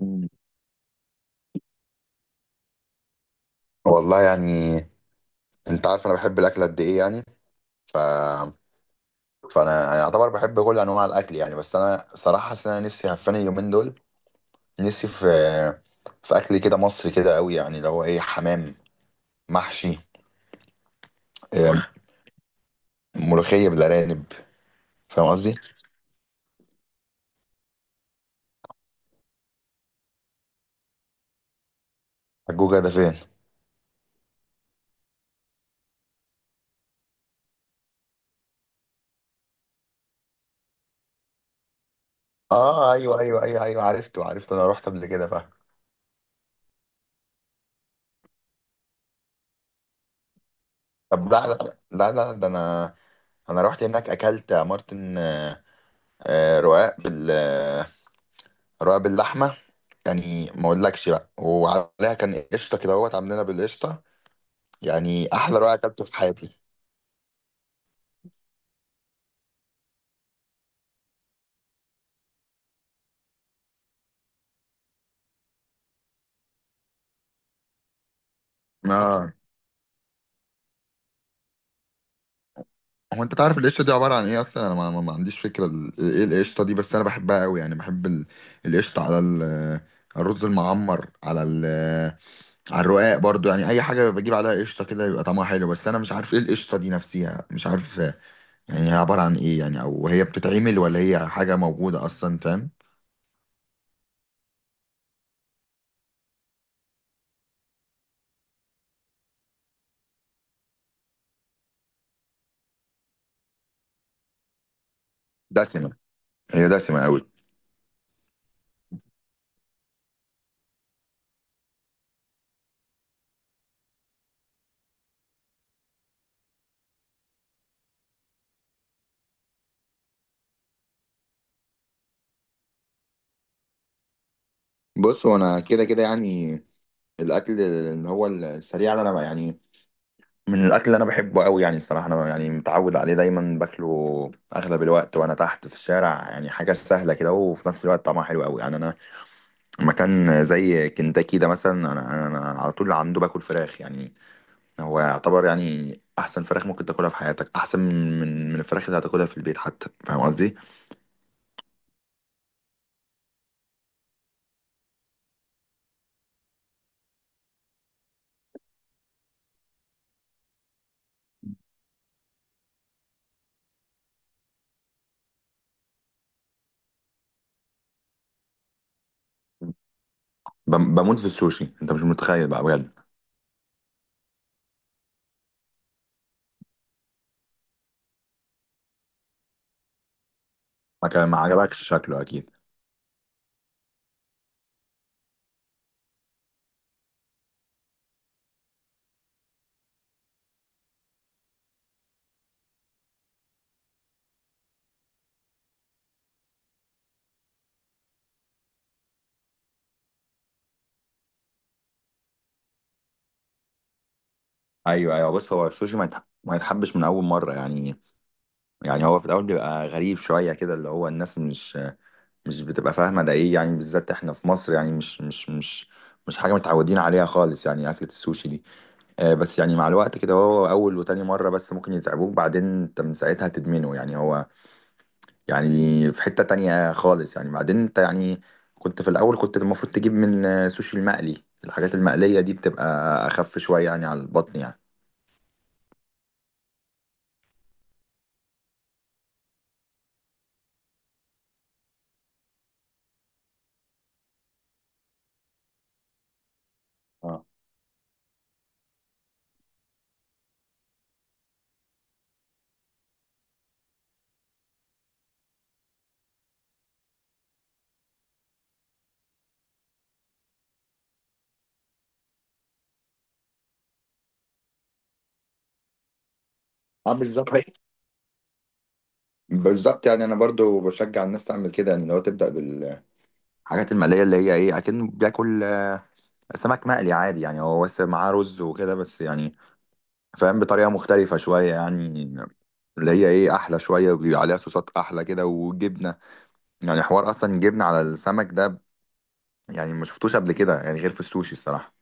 مم. والله يعني، انت عارف انا بحب الاكل قد ايه يعني. ف... فانا اعتبر بحب كل انواع الاكل يعني، بس انا صراحه حاسس ان انا نفسي هفاني اليومين دول. نفسي في، في اكل كده مصري كده قوي، يعني اللي هو ايه، حمام محشي، آه، ملوخيه بالارانب، فاهم قصدي؟ الجوجا ده فين؟ اه، ايوه ايوه ايوه ايوه، عرفته عرفته، انا رحت قبل كده، فاهم. طب لا لا لا لا، ده انا رحت هناك اكلت يا مارتن. آه، رقاق بال آه، رقاق باللحمه. يعني ما اقولكش بقى، وعليها كان قشطه كده، اهوت عاملينها بالقشطه. يعني احلى رقاق اكلته في حياتي. اه، هو انت تعرف القشطه دي عباره عن ايه اصلا؟ انا ما عنديش فكره ايه القشطه دي، بس انا بحبها قوي يعني. بحب القشطه على الرز المعمر، على الرقاق برضو. يعني اي حاجه بجيب عليها قشطه كده يبقى طعمها حلو، بس انا مش عارف ايه القشطه دي نفسها، مش عارف يعني. هي عباره عن ايه يعني؟ او هي بتتعمل، ولا هي حاجه موجوده اصلا؟ فاهم؟ دسمه، هي دسمه قوي. بص، هو انا كده كده يعني، الاكل اللي هو السريع ده، انا بقى يعني، من الاكل اللي انا بحبه قوي يعني. الصراحه انا يعني متعود عليه، دايما باكله اغلب الوقت وانا تحت في الشارع. يعني حاجه سهله كده، وفي نفس الوقت طعمها حلو قوي يعني. انا، مكان زي كنتاكي ده مثلا، انا على طول عنده باكل فراخ يعني. هو يعتبر يعني احسن فراخ ممكن تاكلها في حياتك، احسن من الفراخ اللي هتاكلها في البيت حتى، فاهم قصدي؟ بموت في السوشي، انت مش متخيل بقى، بجد. ما كان ما عجبكش شكله اكيد. ايوه ايوه، بص هو السوشي ما يتحبش من اول مره يعني. يعني هو في الاول بيبقى غريب شويه كده، اللي هو الناس مش بتبقى فاهمه ده ايه يعني، بالذات احنا في مصر يعني، مش حاجه متعودين عليها خالص يعني، اكله السوشي دي. آه، بس يعني مع الوقت كده، هو اول وتاني مره بس ممكن يتعبوك، بعدين انت من ساعتها تدمنه يعني. هو يعني في حته تانية خالص يعني. بعدين انت يعني، كنت في الاول كنت المفروض تجيب من سوشي المقلي. الحاجات المقليه دي بتبقى اخف شويه يعني، على البطن يعني. اه اه، بالظبط بالظبط. يعني انا برضو بشجع الناس تعمل كده يعني، لو تبدا الحاجات المقلية اللي هي ايه، اكنه بياكل سمك مقلي عادي يعني. هو بس معاه رز وكده بس يعني، فاهم؟ بطريقة مختلفة شوية يعني، اللي هي ايه، احلى شويه وبيبقى عليها صوصات احلى كده وجبنه. يعني حوار اصلا جبنه على السمك ده، يعني ما شفتوش قبل كده يعني غير في السوشي الصراحه.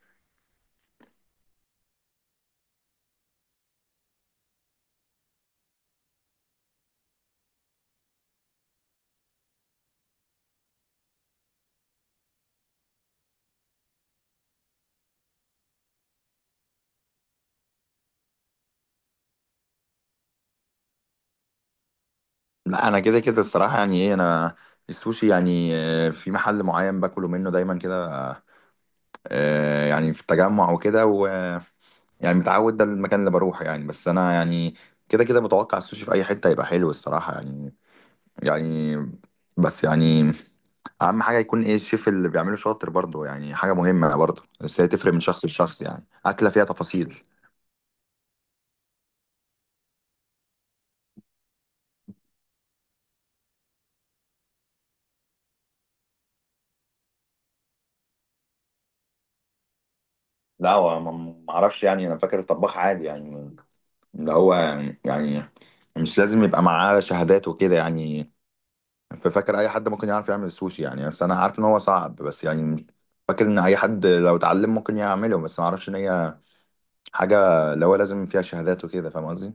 لا، انا كده كده الصراحه، يعني ايه، انا السوشي يعني، في محل معين باكله منه دايما كده، يعني في التجمع وكده. يعني متعود، ده المكان اللي بروحه يعني. بس انا يعني كده كده متوقع السوشي في اي حته هيبقى حلو الصراحه يعني. يعني، بس يعني اهم حاجه يكون ايه الشيف اللي بيعمله شاطر برضه، يعني حاجه مهمه برضه، بس هي تفرق من شخص لشخص يعني. اكله فيها تفاصيل. لا، هو ما اعرفش يعني، انا فاكر طباخ عادي يعني، اللي هو يعني مش لازم يبقى معاه شهادات وكده يعني. ففاكر اي حد ممكن يعرف يعمل السوشي يعني، بس انا عارف ان هو صعب بس يعني. فاكر ان اي حد لو اتعلم ممكن يعمله، بس ما اعرفش ان هي حاجة اللي هو لازم فيها شهادات وكده، فاهم قصدي؟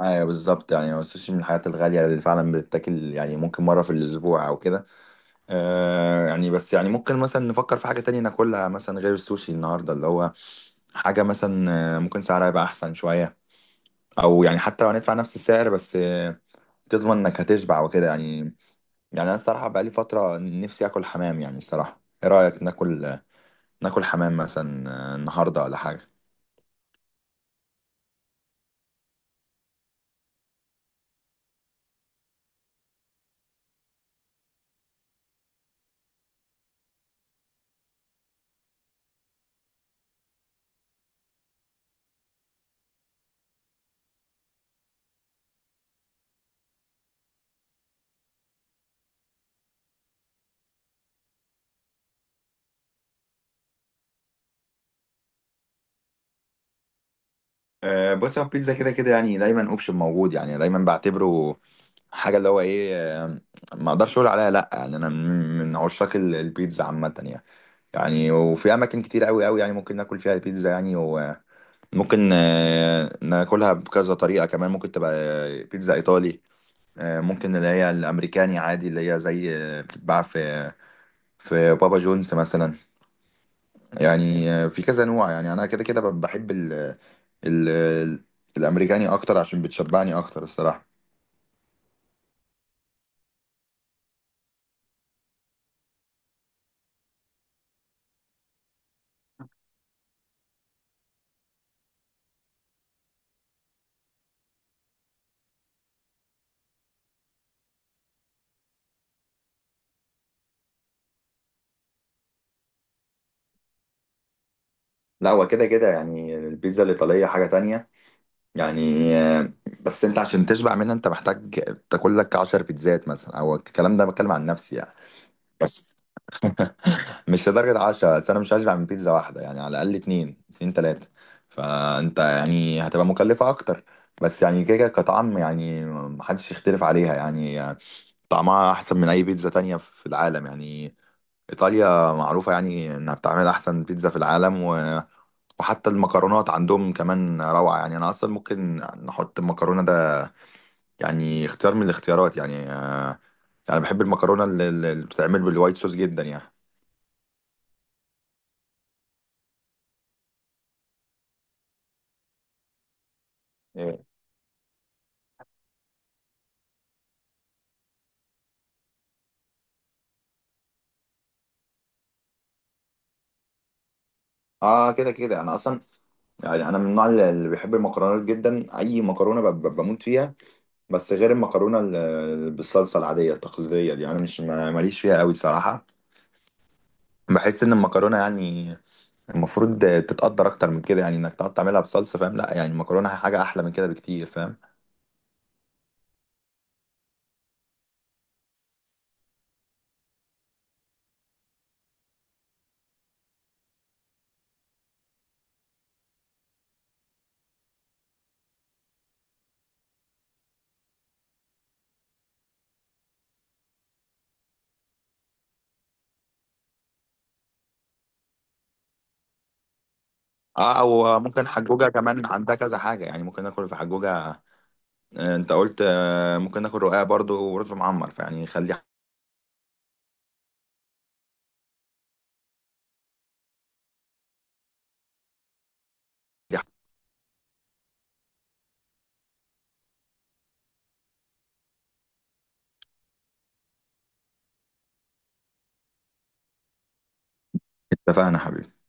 ايوه بالظبط. يعني هو السوشي من الحاجات الغالية اللي فعلا بتتاكل يعني، ممكن مرة في الأسبوع أو كده. آه يعني، بس يعني ممكن مثلا نفكر في حاجة تانية ناكلها مثلا غير السوشي النهاردة، اللي هو حاجة مثلا ممكن سعرها يبقى أحسن شوية، أو يعني حتى لو هندفع نفس السعر بس تضمن إنك هتشبع وكده يعني. يعني أنا الصراحة بقالي فترة نفسي آكل حمام يعني. الصراحة إيه رأيك، ناكل ناكل حمام مثلا النهاردة، ولا حاجة؟ بص، هو البيتزا كده كده يعني دايما اوبشن موجود يعني، دايما بعتبره حاجه اللي هو ايه، آه، ما اقدرش اقول عليها لا يعني. انا من عشاق البيتزا عامه يعني. يعني وفي اماكن كتير قوي قوي يعني ممكن ناكل فيها البيتزا يعني، وممكن ناكلها بكذا طريقه كمان. ممكن تبقى بيتزا ايطالي، ممكن اللي هي الامريكاني عادي، اللي هي زي بتتباع في في بابا جونز مثلا. يعني في كذا نوع يعني. انا كده كده بحب ال ال- الامريكاني اكتر، عشان بتشبعني اكتر الصراحه. لا، هو كده كده يعني البيتزا الايطاليه حاجه تانية يعني. بس انت عشان تشبع منها انت محتاج تاكل لك 10 بيتزات مثلا، او الكلام ده بتكلم عن نفسي يعني. بس مش لدرجه 10، بس انا مش هشبع من بيتزا واحده يعني، على الاقل اتنين، اتنين تلاته. فانت يعني هتبقى مكلفه اكتر. بس يعني كده كده كطعم، يعني محدش يختلف عليها يعني. طعمها احسن من اي بيتزا تانية في العالم يعني. ايطاليا معروفة يعني انها بتعمل احسن بيتزا في العالم. وحتى المكرونات عندهم كمان روعة يعني. انا اصلا ممكن نحط المكرونة ده يعني اختيار من الاختيارات يعني. يعني بحب المكرونة اللي بتتعمل بالوايت صوص جدا يعني. إيه. اه كده كده انا اصلا، يعني انا من النوع اللي بيحب المكرونات جدا. اي مكرونه بموت فيها. بس غير المكرونه بالصلصه العاديه التقليديه دي، انا مش ماليش فيها قوي صراحه. بحس ان المكرونه يعني المفروض تتقدر اكتر من كده يعني، انك تقعد تعملها بصلصه، فاهم؟ لا، يعني المكرونه حاجه احلى من كده بكتير، فاهم؟ اه، او ممكن حجوجه كمان عندها كذا حاجه يعني، ممكن ناكل في حجوجه. انت قلت، ممكن ناكل رقاق برضو، ورز معمر، فيعني خلي. اتفقنا يا حبيبي.